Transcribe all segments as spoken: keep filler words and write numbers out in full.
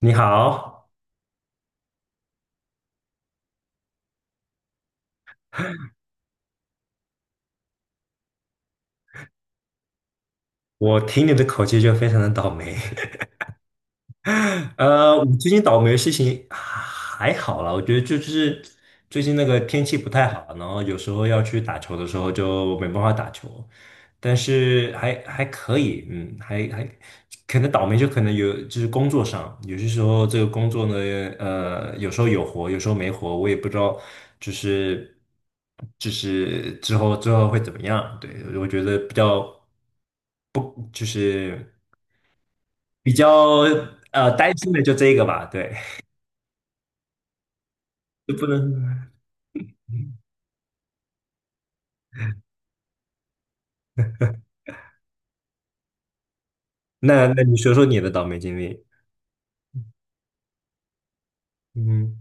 你好，我听你的口气就非常的倒霉。呃，我最近倒霉的事情还好啦，我觉得就就是最近那个天气不太好，然后有时候要去打球的时候就没办法打球，但是还还可以，嗯，还还可能倒霉就可能有就是工作上，有些时候这个工作呢，呃，有时候有活，有时候没活，我也不知道，就是就是之后之后会怎么样，对，我觉得比较不就是。比较呃担心的就这个吧，对，就不能。那那你说说你的倒霉经历？嗯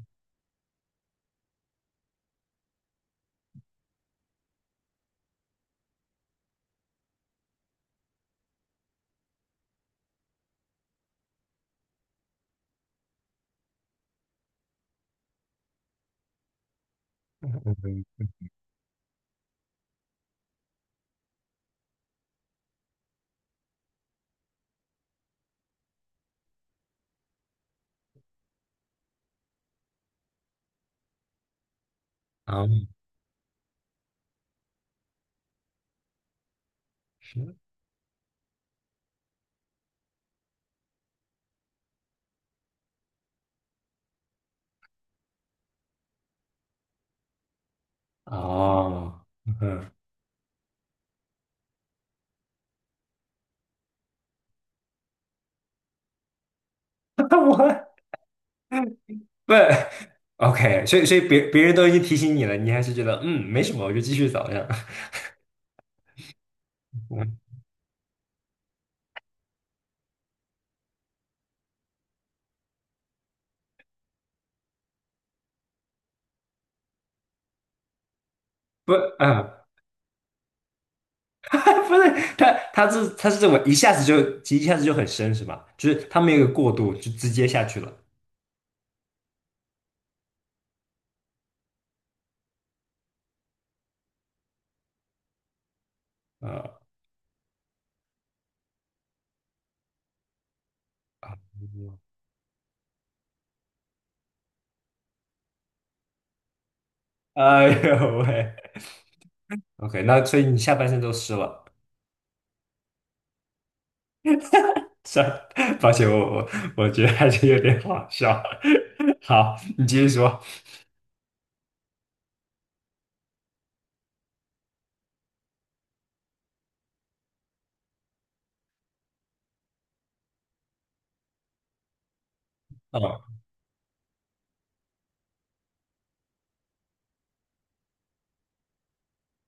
嗯啊哦嗯，我不 OK,所以所以别别人都已经提醒你了，你还是觉得嗯没什么，我就继续找这样。嗯，不啊，不是他他是他是这么一下子就一下子就很深是吧？就是他没有一个过渡，就直接下去了。呃，哎呦喂，OK,那所以你下半身都湿了。算，抱歉，我我我觉得还是有点好笑。好，你继续说。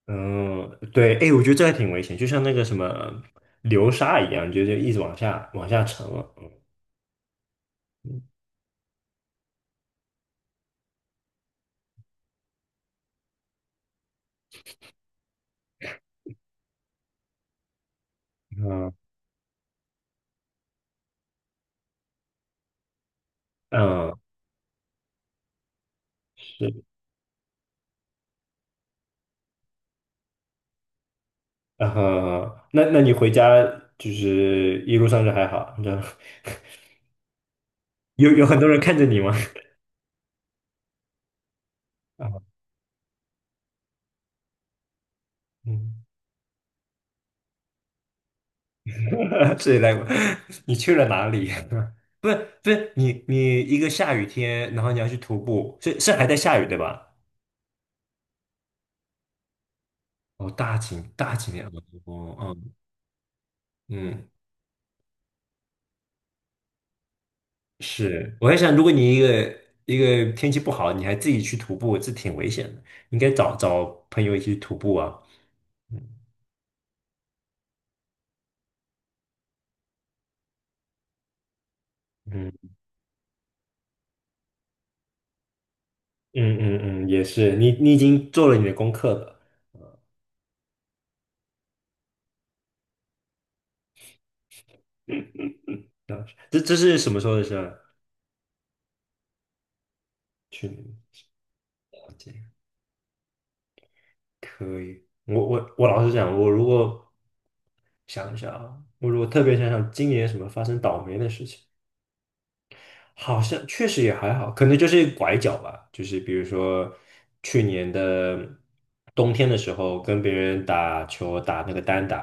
嗯嗯，对，哎，我觉得这还挺危险，就像那个什么流沙一样，就就一直往下往下沉了。嗯嗯，是，然后那那你回家就是一路上就还好，你知道？有有很多人看着你吗？啊，嗯，所以来，你去了哪里？不是不是，你你一个下雨天，然后你要去徒步，是是还在下雨对吧？哦，大景大景点，哦，哦嗯，是，我在想，如果你一个一个天气不好，你还自己去徒步，这挺危险的，应该找找朋友一起去徒步啊。嗯嗯嗯嗯嗯，也是，你你已经做了你的功课了，这这是什么时候的事儿？去年了解，可以。我我我老实讲，我如果想一下啊，我如果特别想想今年什么发生倒霉的事情。好像确实也还好，可能就是拐角吧，就是比如说去年的冬天的时候，跟别人打球打那个单打，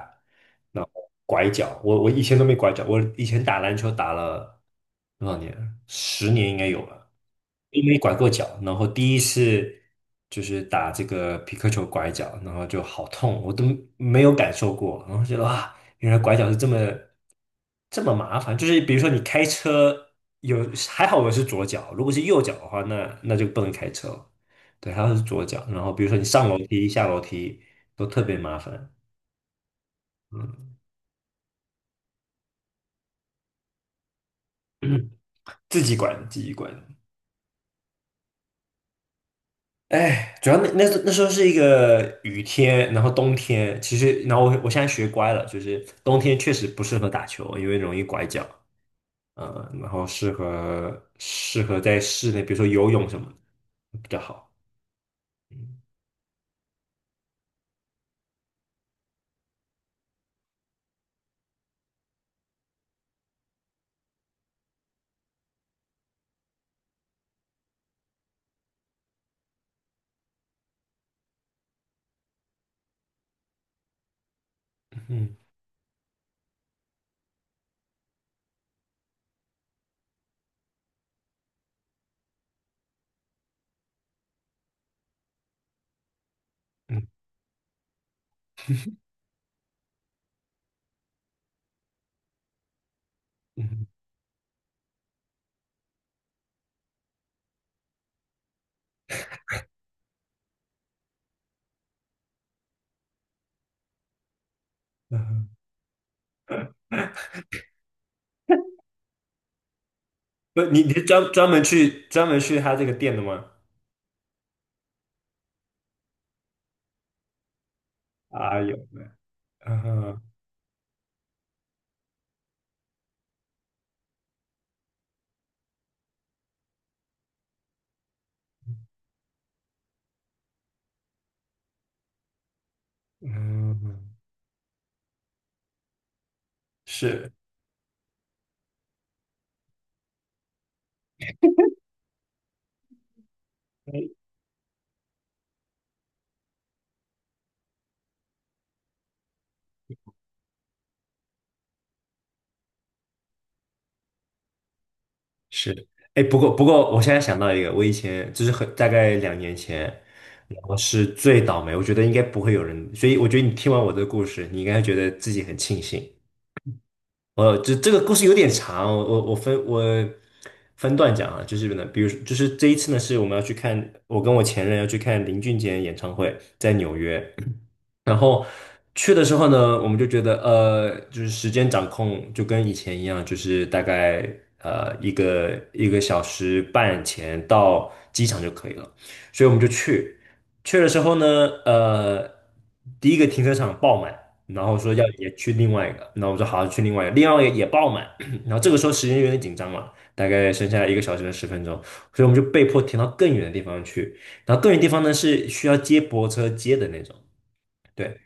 然后拐角，我我以前都没拐角，我以前打篮球打了多少年啊十年应该有了，都没拐过角，然后第一次就是打这个皮克球拐角，然后就好痛，我都没有感受过，然后觉得哇，原来拐角是这么。这么麻烦？就是比如说你开车有还好我是左脚，如果是右脚的话，那那就不能开车了。对，还好是左脚。然后比如说你上楼梯、下楼梯都特别麻烦。嗯，自己管，自己管。哎，主要那那时那时候是一个雨天，然后冬天，其实然后我我现在学乖了，就是冬天确实不适合打球，因为容易拐脚。嗯，然后适合适合在室内，比如说游泳什么的比较好。嗯嗯嗯嗯。嗯哼，不，你你是专专门去专门去他这个店的吗？啊，有，嗯哼，嗯，是是，哎，不过不过，我现在想到一个，我以前就是很大概两年前，我是最倒霉，我觉得应该不会有人，所以我觉得你听完我的故事，你应该觉得自己很庆幸，呃，这这个故事有点长，我我我分我分段讲啊，就是呢，比如说就是这一次呢，是我们要去看，我跟我前任要去看林俊杰演唱会，在纽约，然后去的时候呢，我们就觉得呃，就是时间掌控就跟以前一样，就是大概呃一个一个小时半前到机场就可以了，所以我们就去，去的时候呢，呃，第一个停车场爆满。然后说要也去另外一个，那我说好去另外一个，另外一个也爆满，然后这个时候时间有点紧张了，大概剩下来一个小时的十分钟，所以我们就被迫停到更远的地方去，然后更远地方呢是需要接驳车接的那种。对，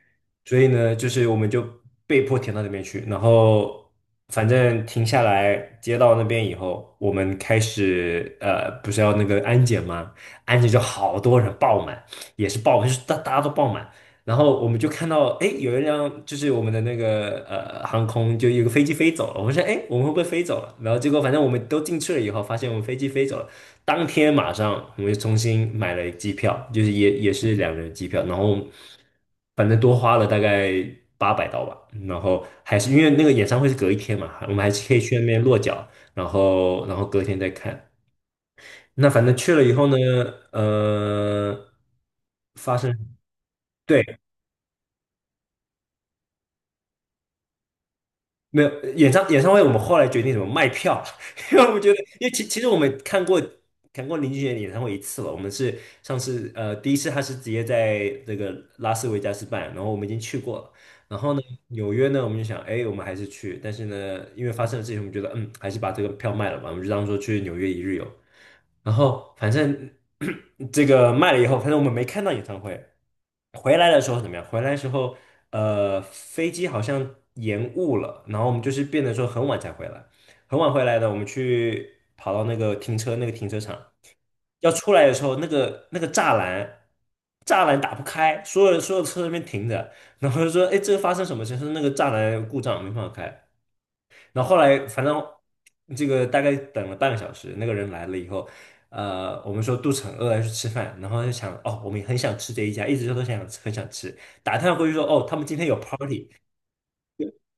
所以呢，就是我们就被迫停到那边去，然后反正停下来，接到那边以后，我们开始呃，不是要那个安检吗？安检就好多人爆满，也是爆满就是大大家都爆满，然后我们就看到，哎，有一辆就是我们的那个呃航空，就有个飞机飞走了，我们说，哎，我们会不会飞走了？然后结果反正我们都进去了以后，发现我们飞机飞走了。当天马上我们就重新买了机票，就是也也是两人机票，然后反正多花了大概八百刀吧，然后还是因为那个演唱会是隔一天嘛，我们还是可以去那边落脚，然后然后隔天再看。那反正去了以后呢，呃，发生。对，没有演唱演唱会，我们后来决定怎么卖票，因为我们觉得，因为其其实我们看过看过林俊杰的演唱会一次了，我们是上次呃第一次他是直接在这个拉斯维加斯办，然后我们已经去过了，然后呢纽约呢我们就想，哎，我们还是去，但是呢因为发生了事情，我们觉得嗯还是把这个票卖了吧，我们就当做去纽约一日游，然后反正 这个卖了以后，反正我们没看到演唱会。回来的时候怎么样？回来的时候，呃，飞机好像延误了，然后我们就是变得说很晚才回来，很晚回来的，我们去跑到那个停车那个停车场，要出来的时候，那个那个栅栏栅栏打不开，所有所有车在那边停着，然后就说，哎，这个发生什么事？他说那个栅栏故障没办法开，然后后来反正这个大概等了半个小时，那个人来了以后，呃，我们说肚子很饿要去吃饭，然后就想哦，我们也很想吃这一家，一直都想很想吃，打探过去说哦，他们今天有 party,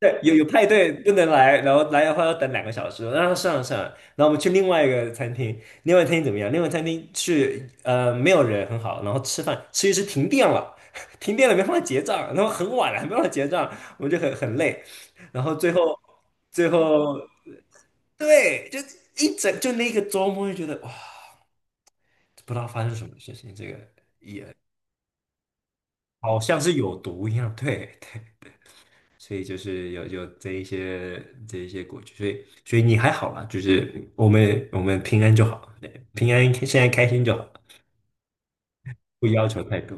对，有有派对不能来，然后来的话要等两个小时，然后算了算了，然后我们去另外一个餐厅，另外餐厅怎么样？另外餐厅去呃没有人很好，然后吃饭吃一吃停电了，停电了没办法结账，然后很晚了还没办法结账，我们就很很累。然后最后最后对，就一整就那个周末就觉得哇，不知道发生什么事情，这个好像是有毒一样。对，对所以就是有有这一些这一些过去，所以所以你还好啦，就是我们我们平安就好，对，平安现在开心就好，不要求太多。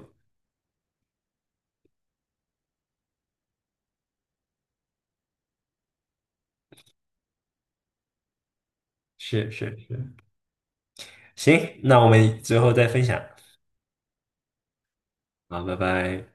是是是，行，那我们之后再分享，好，拜拜。